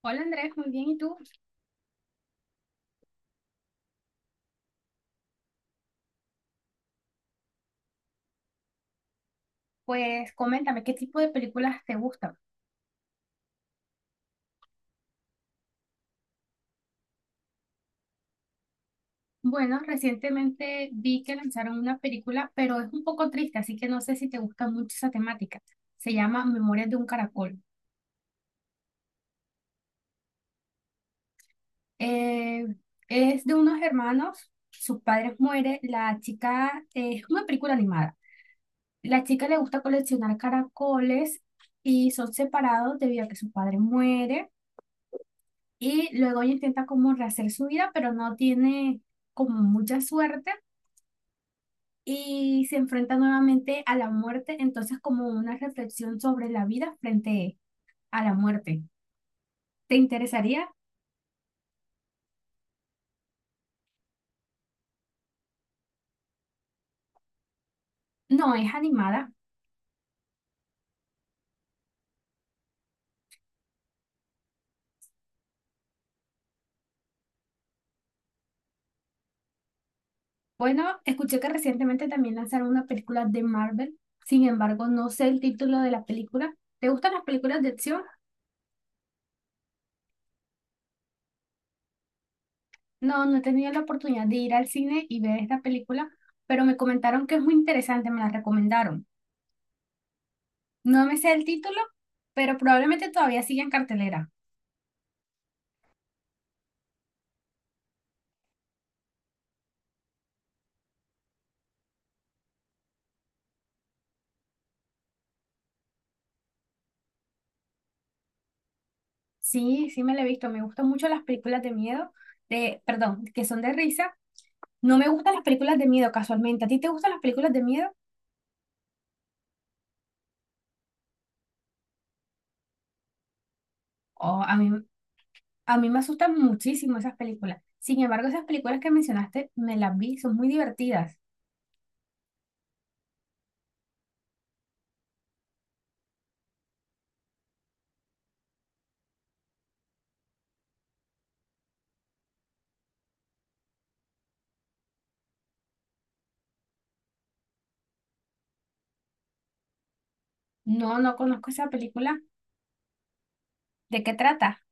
Hola Andrés, muy bien. ¿Y tú? Pues coméntame, ¿qué tipo de películas te gustan? Bueno, recientemente vi que lanzaron una película, pero es un poco triste, así que no sé si te gusta mucho esa temática. Se llama Memorias de un caracol. Eh, es de unos hermanos, sus padres mueren, la chica, es una película animada. La chica le gusta coleccionar caracoles y son separados debido a que su padre muere y luego ella intenta como rehacer su vida, pero no tiene como mucha suerte y se enfrenta nuevamente a la muerte, entonces como una reflexión sobre la vida frente a la muerte. ¿Te interesaría? No, es animada. Bueno, escuché que recientemente también lanzaron una película de Marvel, sin embargo, no sé el título de la película. ¿Te gustan las películas de acción? No, no he tenido la oportunidad de ir al cine y ver esta película, pero me comentaron que es muy interesante, me la recomendaron. No me sé el título, pero probablemente todavía sigue en cartelera. Sí, sí me la he visto. Me gustan mucho las películas de miedo, de, perdón, que son de risa. No me gustan las películas de miedo casualmente. ¿A ti te gustan las películas de miedo? Oh, a mí me asustan muchísimo esas películas. Sin embargo, esas películas que mencionaste me las vi, son muy divertidas. No, no conozco esa película. ¿De qué trata?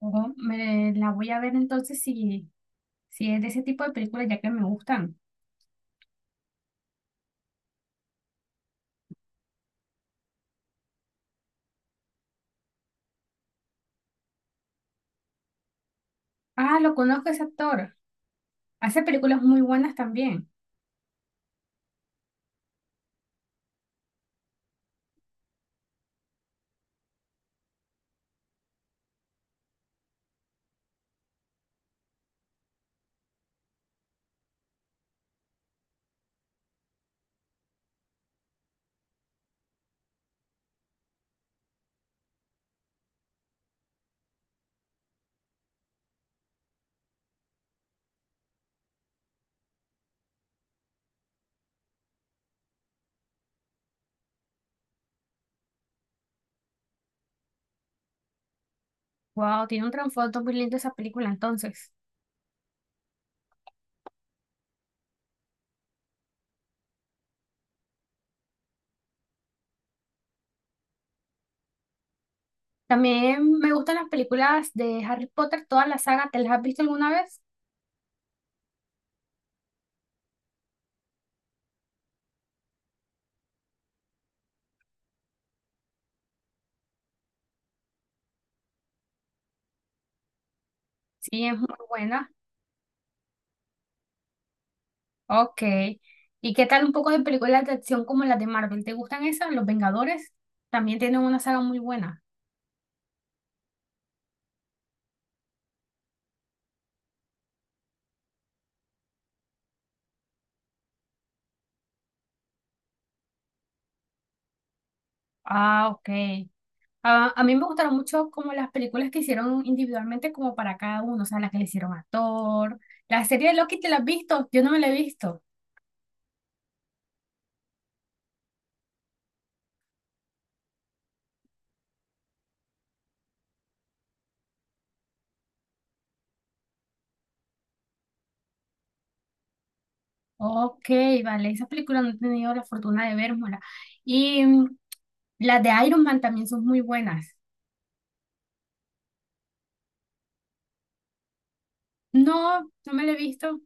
Ojo, me la voy a ver entonces si, si es de ese tipo de películas ya que me gustan. Ah, lo conozco ese actor. Hace películas muy buenas también. Wow, tiene un trasfondo muy lindo esa película entonces. También me gustan las películas de Harry Potter, toda la saga. ¿Te las has visto alguna vez? Sí, es muy buena. Ok. ¿Y qué tal un poco de películas de acción como las de Marvel? ¿Te gustan esas? Los Vengadores también tienen una saga muy buena. Ah, ok. Ah, a mí me gustaron mucho como las películas que hicieron individualmente como para cada uno, o sea, las que le hicieron a Thor. La serie de Loki, ¿te la has visto? Yo no me la he visto. Ok, vale, esas películas no he tenido la fortuna de verlas. Y mm, las de Iron Man también son muy buenas. No, no me la he visto.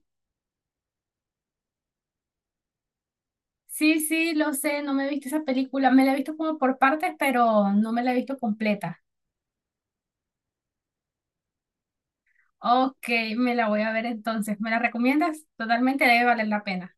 Sí, sí, lo sé, no me he visto esa película. Me la he visto como por partes, pero no me la he visto completa. Ok, me la voy a ver entonces. ¿Me la recomiendas? Totalmente debe valer la pena.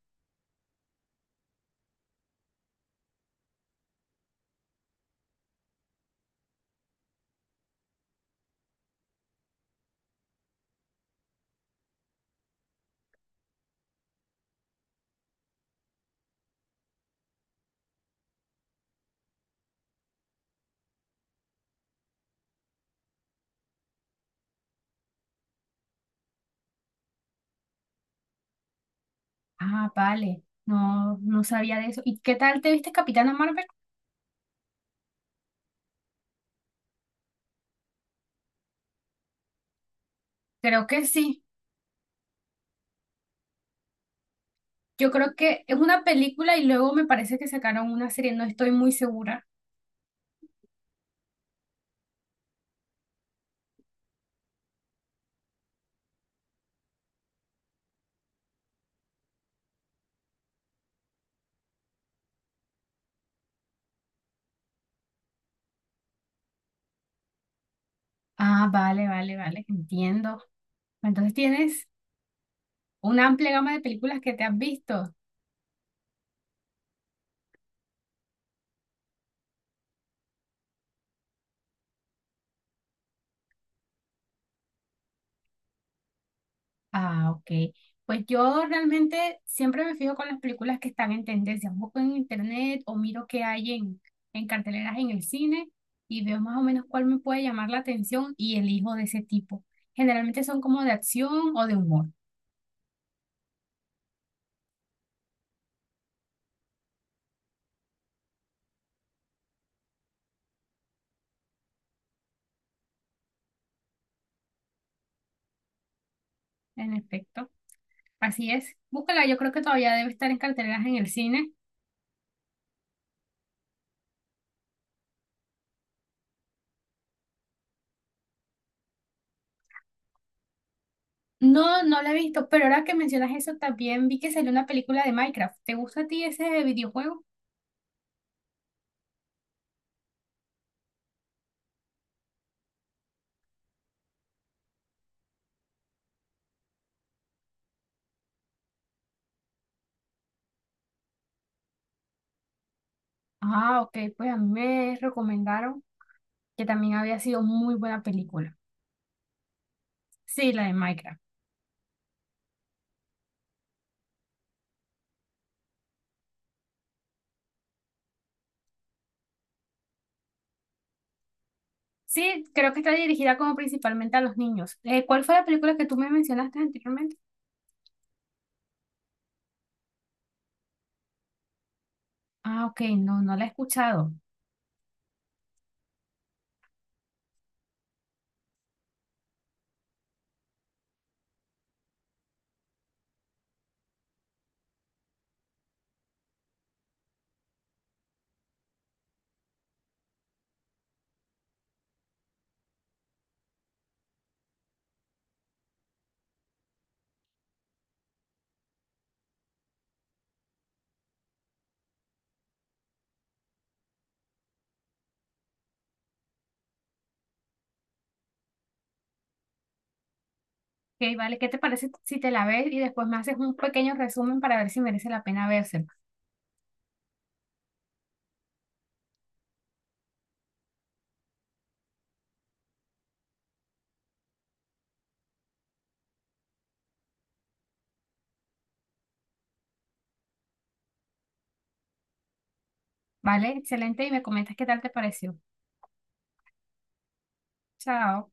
Ah, vale. No, no sabía de eso. ¿Y qué tal te viste Capitana Marvel? Creo que sí. Yo creo que es una película y luego me parece que sacaron una serie, no estoy muy segura. Ah, vale, vale, vale, entiendo. Entonces tienes una amplia gama de películas que te has visto. Ah, ok. Pues yo realmente siempre me fijo con las películas que están en tendencia. Busco en internet o miro qué hay en carteleras en el cine y veo más o menos cuál me puede llamar la atención y elijo de ese tipo. Generalmente son como de acción o de humor, en efecto. Así es. Búscala, yo creo que todavía debe estar en carteleras en el cine. No, no la he visto, pero ahora que mencionas eso, también vi que salió una película de Minecraft. ¿Te gusta a ti ese videojuego? Ah, ok, pues a mí me recomendaron que también había sido muy buena película. Sí, la de Minecraft. Sí, creo que está dirigida como principalmente a los niños. ¿Cuál fue la película que tú me mencionaste anteriormente? Ah, ok, no, no la he escuchado. Ok, vale, ¿qué te parece si te la ves y después me haces un pequeño resumen para ver si merece la pena vérsela? Vale, excelente y me comentas qué tal te pareció. Chao.